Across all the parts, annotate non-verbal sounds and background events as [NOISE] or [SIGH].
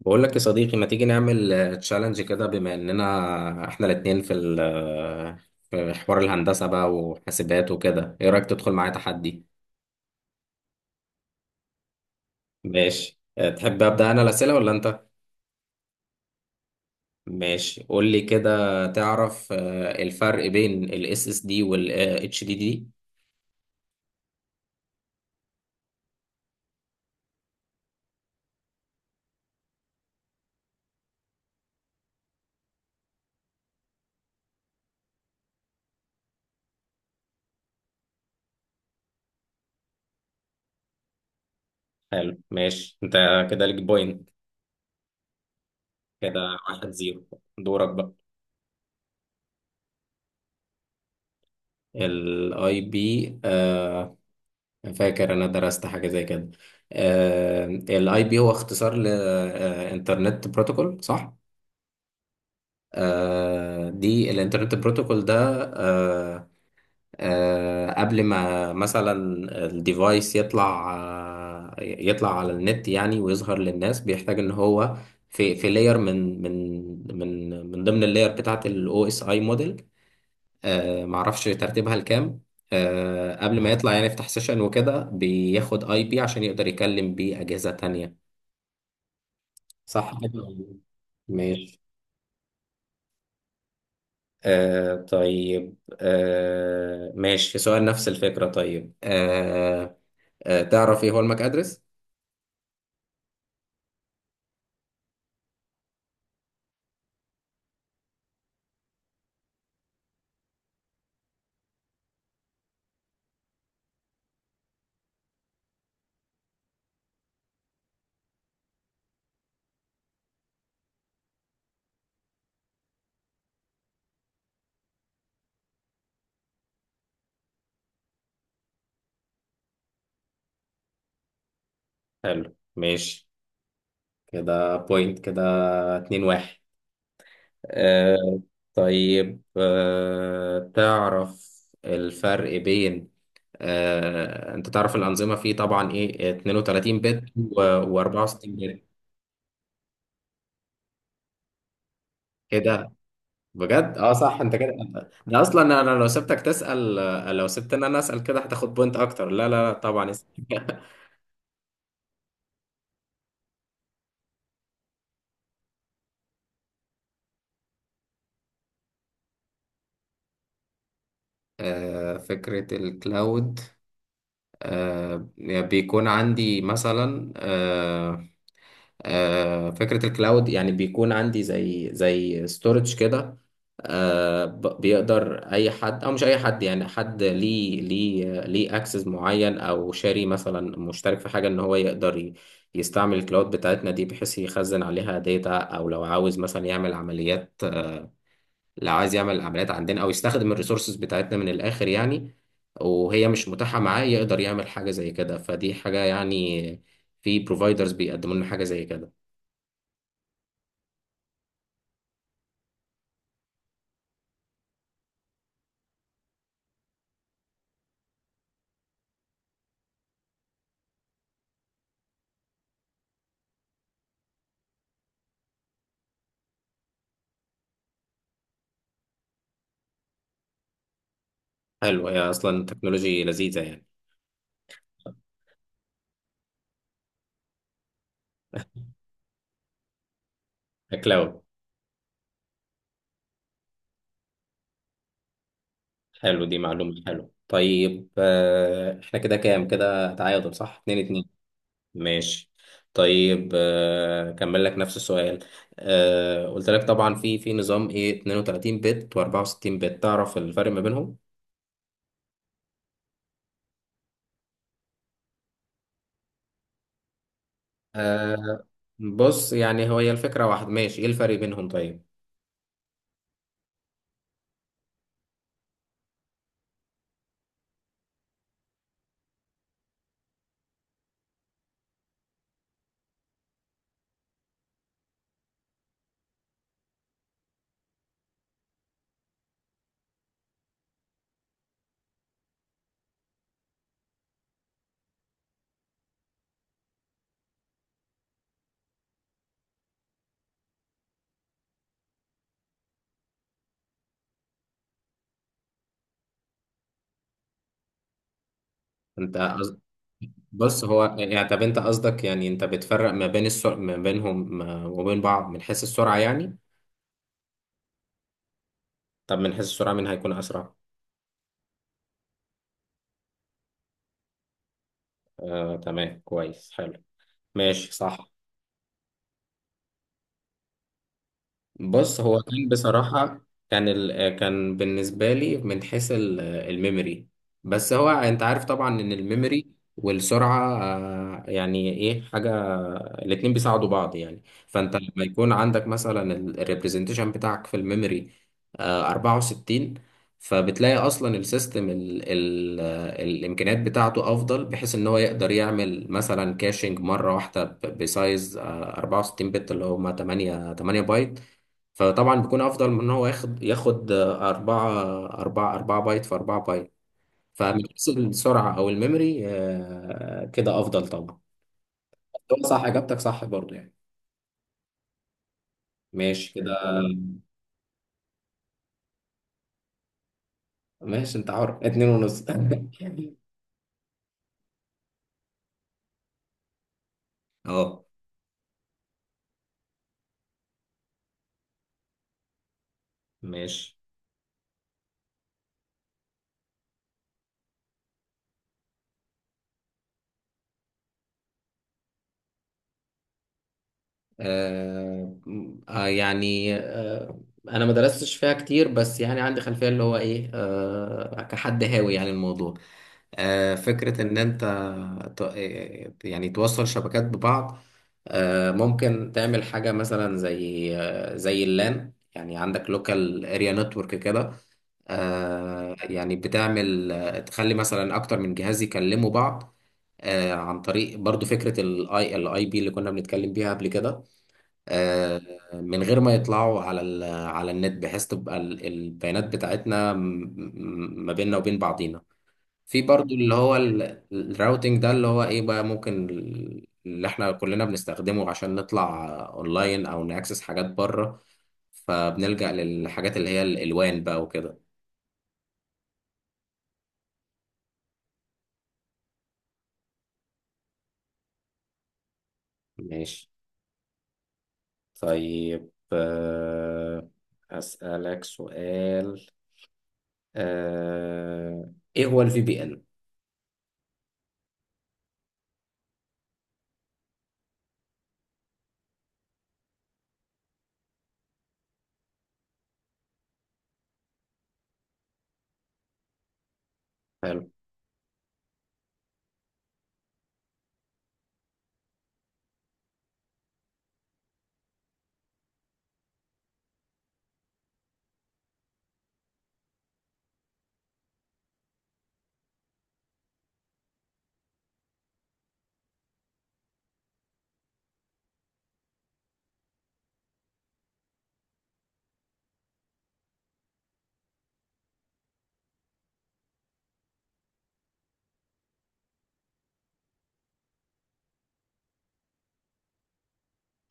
بقول لك يا صديقي، ما تيجي نعمل تشالنج كده بما اننا احنا الاتنين في حوار الهندسة بقى وحاسبات وكده. ايه رأيك تدخل معايا تحدي؟ ماشي. تحب ابدأ انا الأسئلة ولا انت؟ ماشي، قول لي كده. تعرف الفرق بين الاس اس إس دي والاتش دي دي؟ حلو، ماشي، انت كده ليك بوينت. كده 1-0. دورك بقى. الاي بي؟ فاكر، انا درست حاجه زي كده. الاي بي هو اختصار لانترنت بروتوكول، صح؟ دي الانترنت بروتوكول ده. آه، قبل ما مثلا الديفايس يطلع، يطلع على النت يعني ويظهر للناس، بيحتاج ان هو في لاير، من ضمن اللاير بتاعه الاو اس اي موديل. معرفش ترتيبها لكام. قبل ما يطلع يعني يفتح سيشن وكده بياخد اي بي عشان يقدر يكلم بيه اجهزة تانية. صح كده ولا إيه؟ ماشي. طيب، ماشي، في سؤال نفس الفكرة. طيب، تعرف ايه هو الماك ادرس؟ حلو، ماشي كده بوينت. كده 2-1. آه طيب، تعرف الفرق بين، انت تعرف الانظمه فيه طبعا ايه 32 بت و64 بت؟ كده بجد، اه صح، انت كده ده اصلا. انا لو سبتك تسال، لو سبت ان انا اسال كده هتاخد بوينت اكتر. لا لا لا طبعا [LAUGHS] اسأل. فكره الكلاود. بيكون عندي مثلا، فكرة الكلاود يعني بيكون عندي زي ستورج كده. بيقدر أي حد أو مش أي حد، يعني حد ليه أكسس معين أو شاري مثلا مشترك في حاجة، إن هو يقدر يستعمل الكلاود بتاعتنا دي بحيث يخزن عليها داتا، أو لو عايز يعمل عمليات عندنا، أو يستخدم الريسورسز بتاعتنا من الآخر يعني، وهي مش متاحة معاه. يقدر يعمل حاجة زي كده، فدي حاجة يعني في بروفايدرز بيقدموا لنا حاجة زي كده. حلو، هي أصلا تكنولوجي لذيذة يعني. كلاود. حلو، دي معلومة. حلو، طيب، إحنا كده كام؟ كده تعادل، صح، 2-2. ماشي، طيب، كمل لك نفس السؤال. قلت لك طبعا في نظام إيه 32 بت و64 بت، تعرف الفرق ما بينهم؟ آه، بص، يعني هو هي الفكرة واحد، ماشي، إيه الفرق بينهم طيب؟ أنت قصد- بص، هو يعني، طب أنت قصدك يعني أنت بتفرق ما بين السرعة ما بينهم، وبين بعض من حيث السرعة يعني. طب من حيث السرعة مين هيكون أسرع؟ تمام، كويس، حلو، ماشي، صح. بص، هو كان بصراحة، كان بالنسبة لي من حيث الميموري. بس هو انت عارف طبعا ان الميموري والسرعة، يعني ايه حاجة، الاتنين بيساعدوا بعض يعني. فانت لما يكون عندك مثلا الريبريزنتيشن بتاعك في الميموري 64، فبتلاقي اصلا السيستم ال... ال... آه، الامكانيات بتاعته افضل، بحيث ان هو يقدر يعمل مثلا كاشنج مرة واحدة بسايز 64 بت، اللي هما 8 بايت، فطبعا بيكون افضل من ان هو ياخد أربعة بايت في أربعة بايت. فمن حيث السرعة أو الميموري، كده أفضل طبعا. هو صح، إجابتك صح برضو يعني. ماشي كده. ماشي، أنت حر. 2.5 [LAUGHS] أه ماشي. آه يعني، انا ما درستش فيها كتير، بس يعني عندي خلفيه اللي هو ايه، كحد هاوي يعني الموضوع. فكره ان انت يعني توصل شبكات ببعض. ممكن تعمل حاجه مثلا زي، زي اللان، يعني عندك لوكال اريا نتورك كده. يعني بتعمل تخلي مثلا اكتر من جهاز يكلموا بعض، عن طريق برضو فكرة الاي بي اللي كنا بنتكلم بيها قبل كده. آه، من غير ما يطلعوا على على النت، بحيث تبقى البيانات بتاعتنا ما بيننا وبين بعضينا. في برضو اللي هو الراوتينج ده، اللي هو ايه بقى، ممكن اللي احنا كلنا بنستخدمه عشان نطلع اونلاين او ناكسس حاجات بره. فبنلجأ للحاجات اللي هي الالوان بقى وكده. ماشي، طيب، أسألك سؤال. ايه هو الفي بي ان؟ حلو.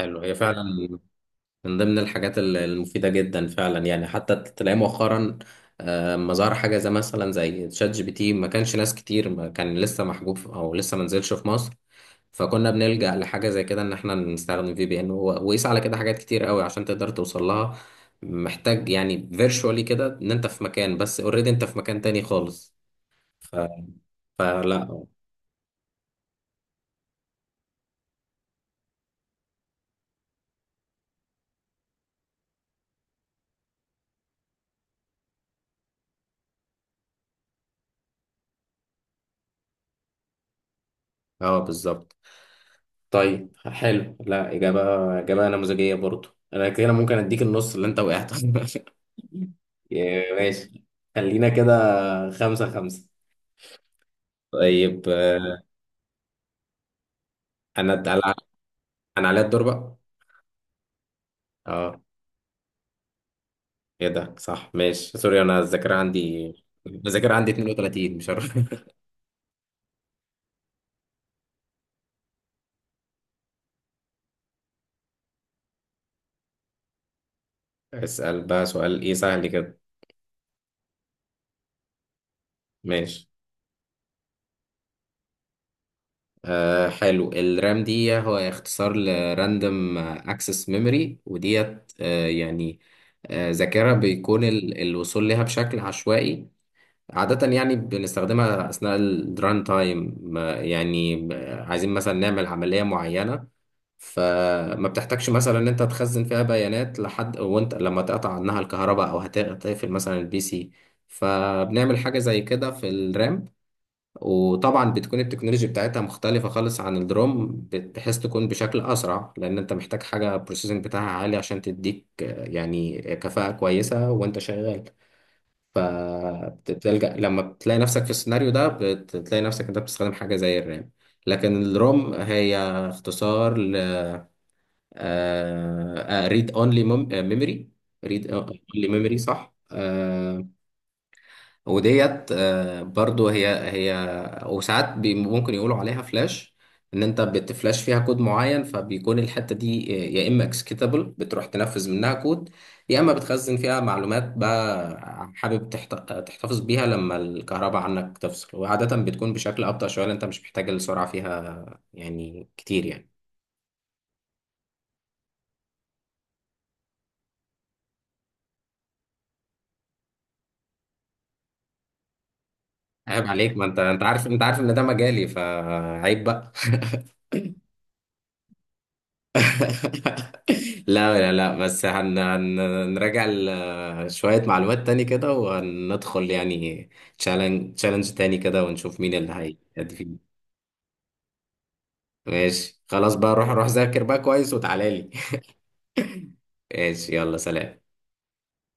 هي فعلا من ضمن الحاجات المفيدة جدا فعلا يعني. حتى تلاقي مؤخرا لما ظهر حاجة زي مثلا زي تشات جي بي تي، ما كانش ناس كتير، ما كان لسه محجوب أو لسه ما نزلش في مصر. فكنا بنلجأ لحاجة زي كده إن إحنا نستخدم في بي إن. وقيس على كده حاجات كتير قوي عشان تقدر توصل لها. محتاج يعني فيرشوالي كده إن أنت في مكان، بس أوريدي أنت في مكان تاني خالص. ف... فلا. اه بالظبط. طيب حلو، لا، إجابة نموذجية برضو، أنا كده ممكن أديك النص اللي أنت وقعت [LAUGHS] يا ماشي، خلينا كده، 5-5. طيب، أنا أنا أنا عليا الدور بقى. أه، إيه ده، صح، ماشي، سوري، أنا الذاكرة عندي 32، مش عارف [LAUGHS] اسأل بقى سؤال إيه سهل كده. ماشي. حلو، الرام دي هو اختصار لراندوم اكسس ميموري، وديت يعني، ذاكرة بيكون الوصول لها بشكل عشوائي عادة، يعني بنستخدمها أثناء الران تايم. يعني عايزين مثلا نعمل عملية معينة، فما بتحتاجش مثلا ان انت تخزن فيها بيانات لحد وانت لما تقطع عنها الكهرباء او هتقفل مثلا البي سي. فبنعمل حاجة زي كده في الرام. وطبعا بتكون التكنولوجيا بتاعتها مختلفة خالص عن الدروم، بحيث تكون بشكل أسرع، لأن أنت محتاج حاجة بروسيسنج بتاعها عالي عشان تديك يعني كفاءة كويسة وأنت شغال. فبتلجأ لما بتلاقي نفسك في السيناريو ده بتلاقي نفسك أنت بتستخدم حاجة زي الرام. لكن الروم هي اختصار ل ريد اونلي ميموري. ريد اونلي صح، وديت برضو هي وساعات ممكن يقولوا عليها فلاش، ان انت بتفلاش فيها كود معين. فبيكون الحتة دي يا اما اكسكيتابل بتروح تنفذ منها كود، يا اما بتخزن فيها معلومات بقى حابب تحتفظ بيها لما الكهرباء عنك تفصل. وعادة بتكون بشكل ابطأ شوية لأن انت مش محتاج السرعة فيها يعني كتير يعني. عيب عليك، ما انت عارف، ان ده مجالي، فعيب بقى [LAUGHS] [LAUGHS] لا لا لا، بس هنراجع شوية معلومات تاني كده، وهندخل يعني تشالنج تاني كده، ونشوف مين اللي هيأدي فيه. ماشي، خلاص بقى، روح روح ذاكر بقى كويس وتعالى لي [LAUGHS] ماشي، يلا سلام.